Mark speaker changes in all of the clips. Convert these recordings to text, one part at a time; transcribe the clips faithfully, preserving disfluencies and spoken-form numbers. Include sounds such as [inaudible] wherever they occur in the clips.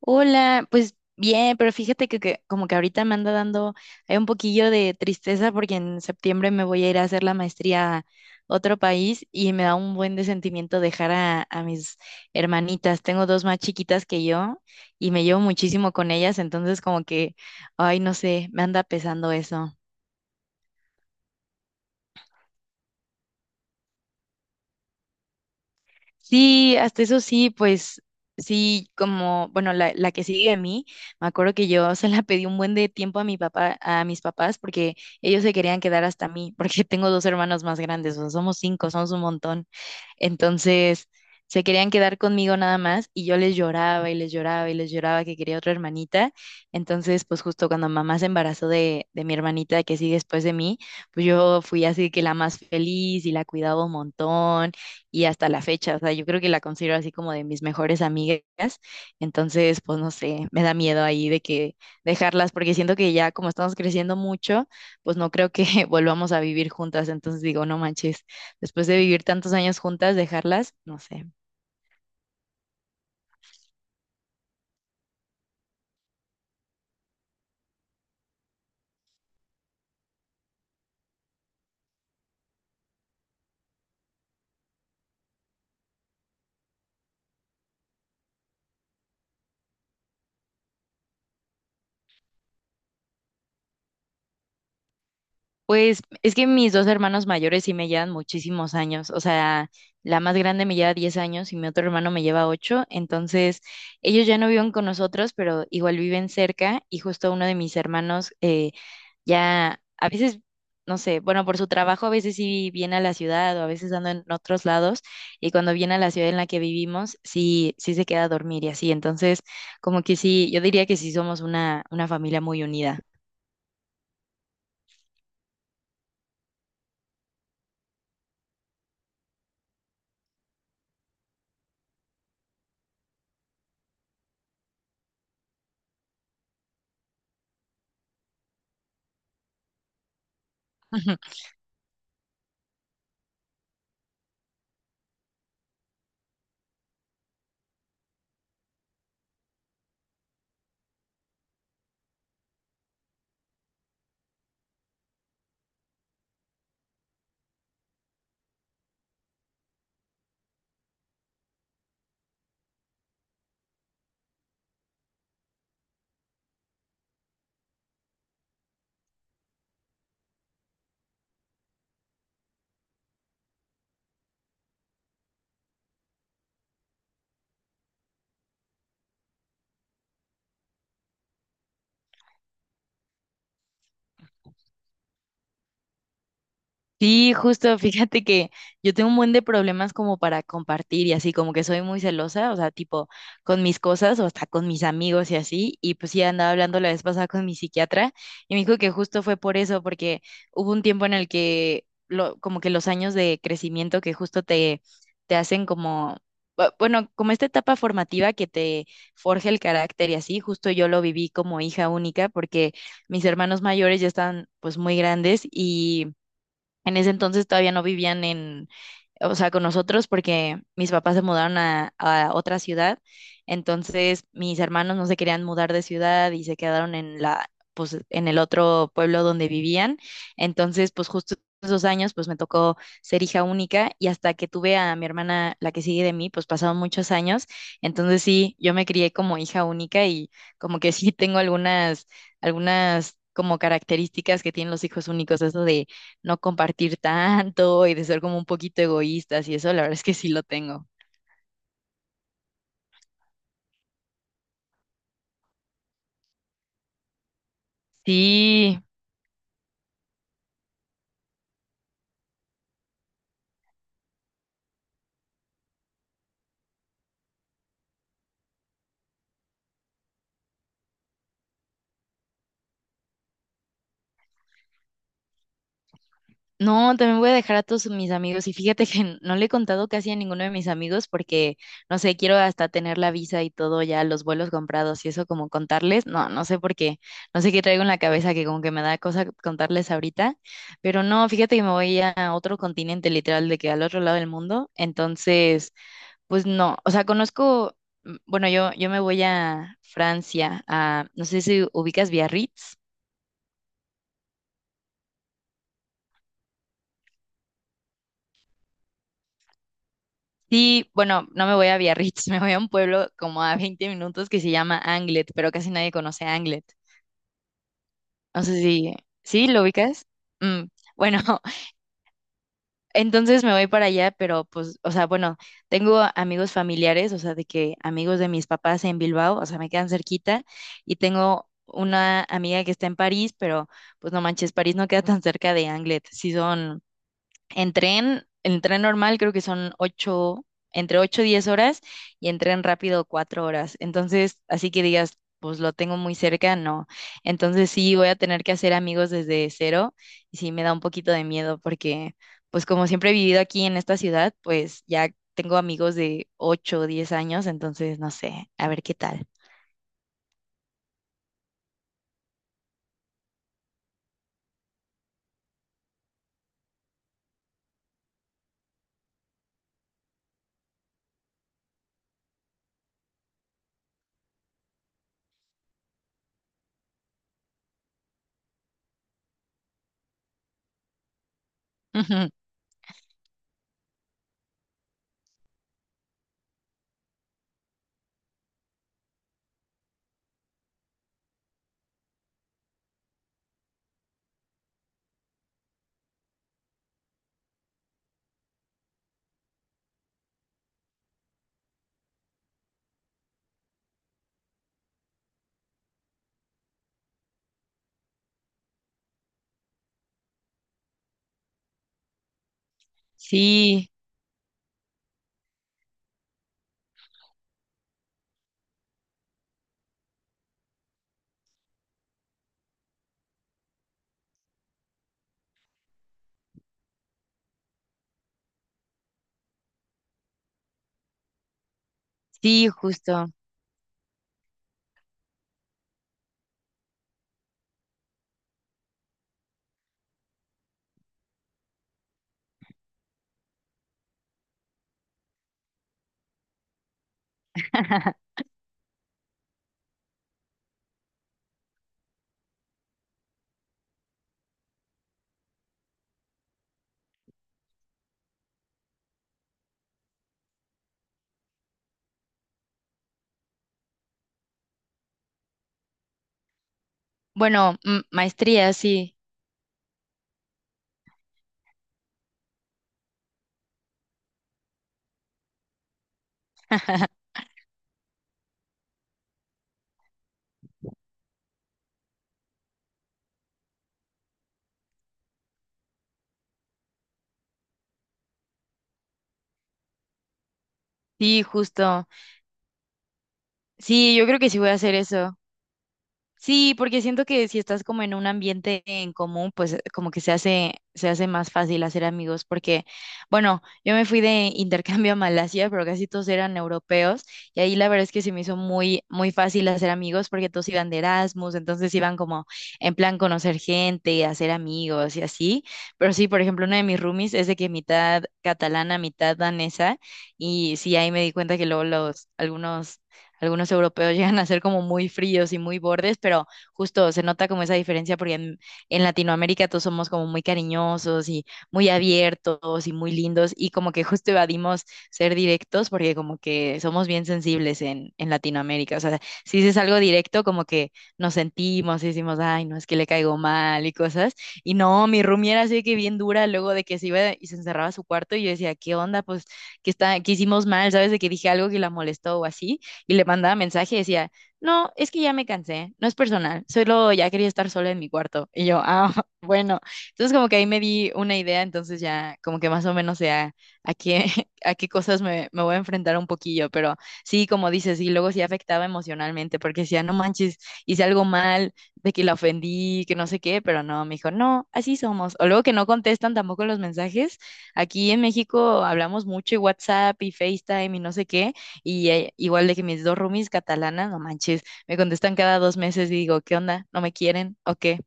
Speaker 1: Hola, pues bien, pero fíjate que, que como que ahorita me anda dando hay un poquillo de tristeza porque en septiembre me voy a ir a hacer la maestría a otro país y me da un buen de sentimiento dejar a, a mis hermanitas. Tengo dos más chiquitas que yo y me llevo muchísimo con ellas, entonces como que, ay, no sé, me anda pesando eso. Sí, hasta eso sí, pues sí, como, bueno, la, la que sigue a mí, me acuerdo que yo [laughs] se la pedí un buen de tiempo a mi papá, a mis papás, porque ellos se querían quedar hasta mí, porque tengo dos hermanos más grandes, o sea, somos cinco, somos un montón. Entonces, se querían quedar conmigo nada más y yo les lloraba y les lloraba y les lloraba que quería otra hermanita. Entonces, pues justo cuando mamá se embarazó de, de mi hermanita que sigue después de mí, pues yo fui así que la más feliz y la cuidaba un montón y hasta la fecha, o sea, yo creo que la considero así como de mis mejores amigas, entonces, pues no sé, me da miedo ahí de que dejarlas, porque siento que ya como estamos creciendo mucho, pues no creo que [laughs] volvamos a vivir juntas, entonces digo, no manches, después de vivir tantos años juntas, dejarlas, no sé. Pues es que mis dos hermanos mayores sí me llevan muchísimos años, o sea, la más grande me lleva diez años y mi otro hermano me lleva ocho, entonces ellos ya no viven con nosotros, pero igual viven cerca y justo uno de mis hermanos eh, ya a veces, no sé, bueno, por su trabajo a veces sí viene a la ciudad o a veces ando en otros lados y cuando viene a la ciudad en la que vivimos, sí, sí se queda a dormir y así. Entonces, como que sí, yo diría que sí somos una, una familia muy unida. Sí, justo, fíjate que yo tengo un buen de problemas como para compartir y así, como que soy muy celosa, o sea, tipo con mis cosas o hasta con mis amigos y así, y pues sí andaba hablando la vez pasada con mi psiquiatra y me dijo que justo fue por eso, porque hubo un tiempo en el que lo, como que los años de crecimiento que justo te, te hacen como, bu- bueno, como esta etapa formativa que te forja el carácter y así, justo yo lo viví como hija única porque mis hermanos mayores ya están pues muy grandes y en ese entonces todavía no vivían en, o sea, con nosotros porque mis papás se mudaron a, a otra ciudad. Entonces mis hermanos no se querían mudar de ciudad y se quedaron en la, pues, en el otro pueblo donde vivían. Entonces, pues justo esos años, pues me tocó ser hija única y hasta que tuve a mi hermana, la que sigue de mí, pues pasaron muchos años. Entonces sí, yo me crié como hija única y como que sí tengo algunas, algunas como características que tienen los hijos únicos, eso de no compartir tanto y de ser como un poquito egoístas y eso, la verdad es que sí lo tengo. Sí, no, también voy a dejar a todos mis amigos y fíjate que n- no le he contado casi a ninguno de mis amigos porque, no sé, quiero hasta tener la visa y todo ya, los vuelos comprados y eso como contarles, no, no sé por qué, no sé qué traigo en la cabeza que como que me da cosa contarles ahorita, pero no, fíjate que me voy a otro continente literal de que al otro lado del mundo, entonces... Pues no, o sea, conozco, mm, bueno, yo, yo me voy a Francia, a, no sé si ubicas Biarritz. Sí, bueno, no me voy a Biarritz, [laughs] me voy a un pueblo como a veinte minutos que se llama Anglet, pero casi nadie conoce Anglet. No sé si, ¿sí lo ubicas? Mm, bueno, entonces me voy para allá, pero pues, o sea, bueno, tengo amigos familiares, o sea, de que amigos de mis papás en Bilbao, o sea, me quedan cerquita y tengo una amiga que está en París, pero pues no manches, París no queda tan cerca de Anglet, sí son en tren, en tren normal creo que son ocho, entre ocho y diez horas y en tren rápido cuatro horas. Entonces, así que digas, pues lo tengo muy cerca, no. Entonces sí voy a tener que hacer amigos desde cero y sí me da un poquito de miedo porque, pues como siempre he vivido aquí en esta ciudad, pues ya tengo amigos de ocho o diez años, entonces no sé, a ver qué tal. [laughs] Ujú. Sí, sí, justo. [laughs] Bueno, mm, maestría, sí. [laughs] Sí, justo. Sí, yo creo que sí voy a hacer eso. Sí, porque siento que si estás como en un ambiente en común, pues eh, como que se hace, se hace más fácil hacer amigos, porque, bueno, yo me fui de intercambio a Malasia, pero casi todos eran europeos, y ahí la verdad es que se me hizo muy, muy fácil hacer amigos, porque todos iban de Erasmus, entonces iban como en plan conocer gente, hacer amigos y así. Pero sí, por ejemplo, una de mis roomies es de que mitad catalana, mitad danesa, y sí, ahí me di cuenta que luego los, algunos algunos europeos [laughs] llegan a ser como muy fríos y muy bordes, pero justo se nota como esa diferencia porque en, en Latinoamérica todos somos como muy cariñosos y muy abiertos y muy lindos y como que justo evadimos ser directos porque como que somos bien sensibles en, en Latinoamérica. O sea, si dices algo directo como que nos sentimos y decimos, ay, no, es que le caigo mal y cosas. Y no, mi roomie era así de que bien dura luego de que se iba y se encerraba a su cuarto y yo decía, ¿qué onda? Pues que está, que hicimos mal, ¿sabes? De que dije algo que la molestó o así y le mandaba mensaje y decía, no, es que ya me cansé, no es personal, solo ya quería estar sola en mi cuarto. Y yo, ah, [laughs] bueno. Entonces como que ahí me di una idea, entonces ya como que más o menos sé a, a qué, [laughs] a qué cosas me, me voy a enfrentar un poquillo, pero sí, como dices, y luego sí afectaba emocionalmente, porque decía, no manches, hice algo mal, de que la ofendí, que no sé qué, pero no, me dijo, no, así somos. O luego que no contestan tampoco los mensajes. Aquí en México hablamos mucho y WhatsApp y FaceTime y no sé qué, y eh, igual de que mis dos roomies catalanas, no manches, me contestan cada dos meses y digo, ¿qué onda? ¿No me quieren o qué?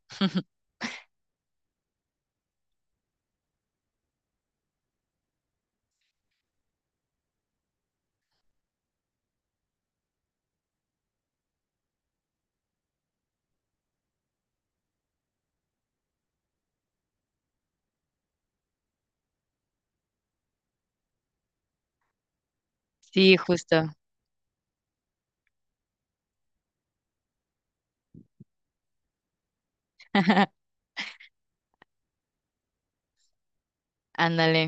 Speaker 1: Sí, justo. [laughs] Ándale.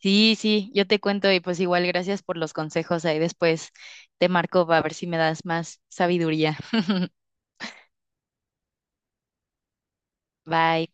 Speaker 1: Sí, sí, yo te cuento y pues igual gracias por los consejos. Ahí después te marco para ver si me das más sabiduría. [laughs] Bye.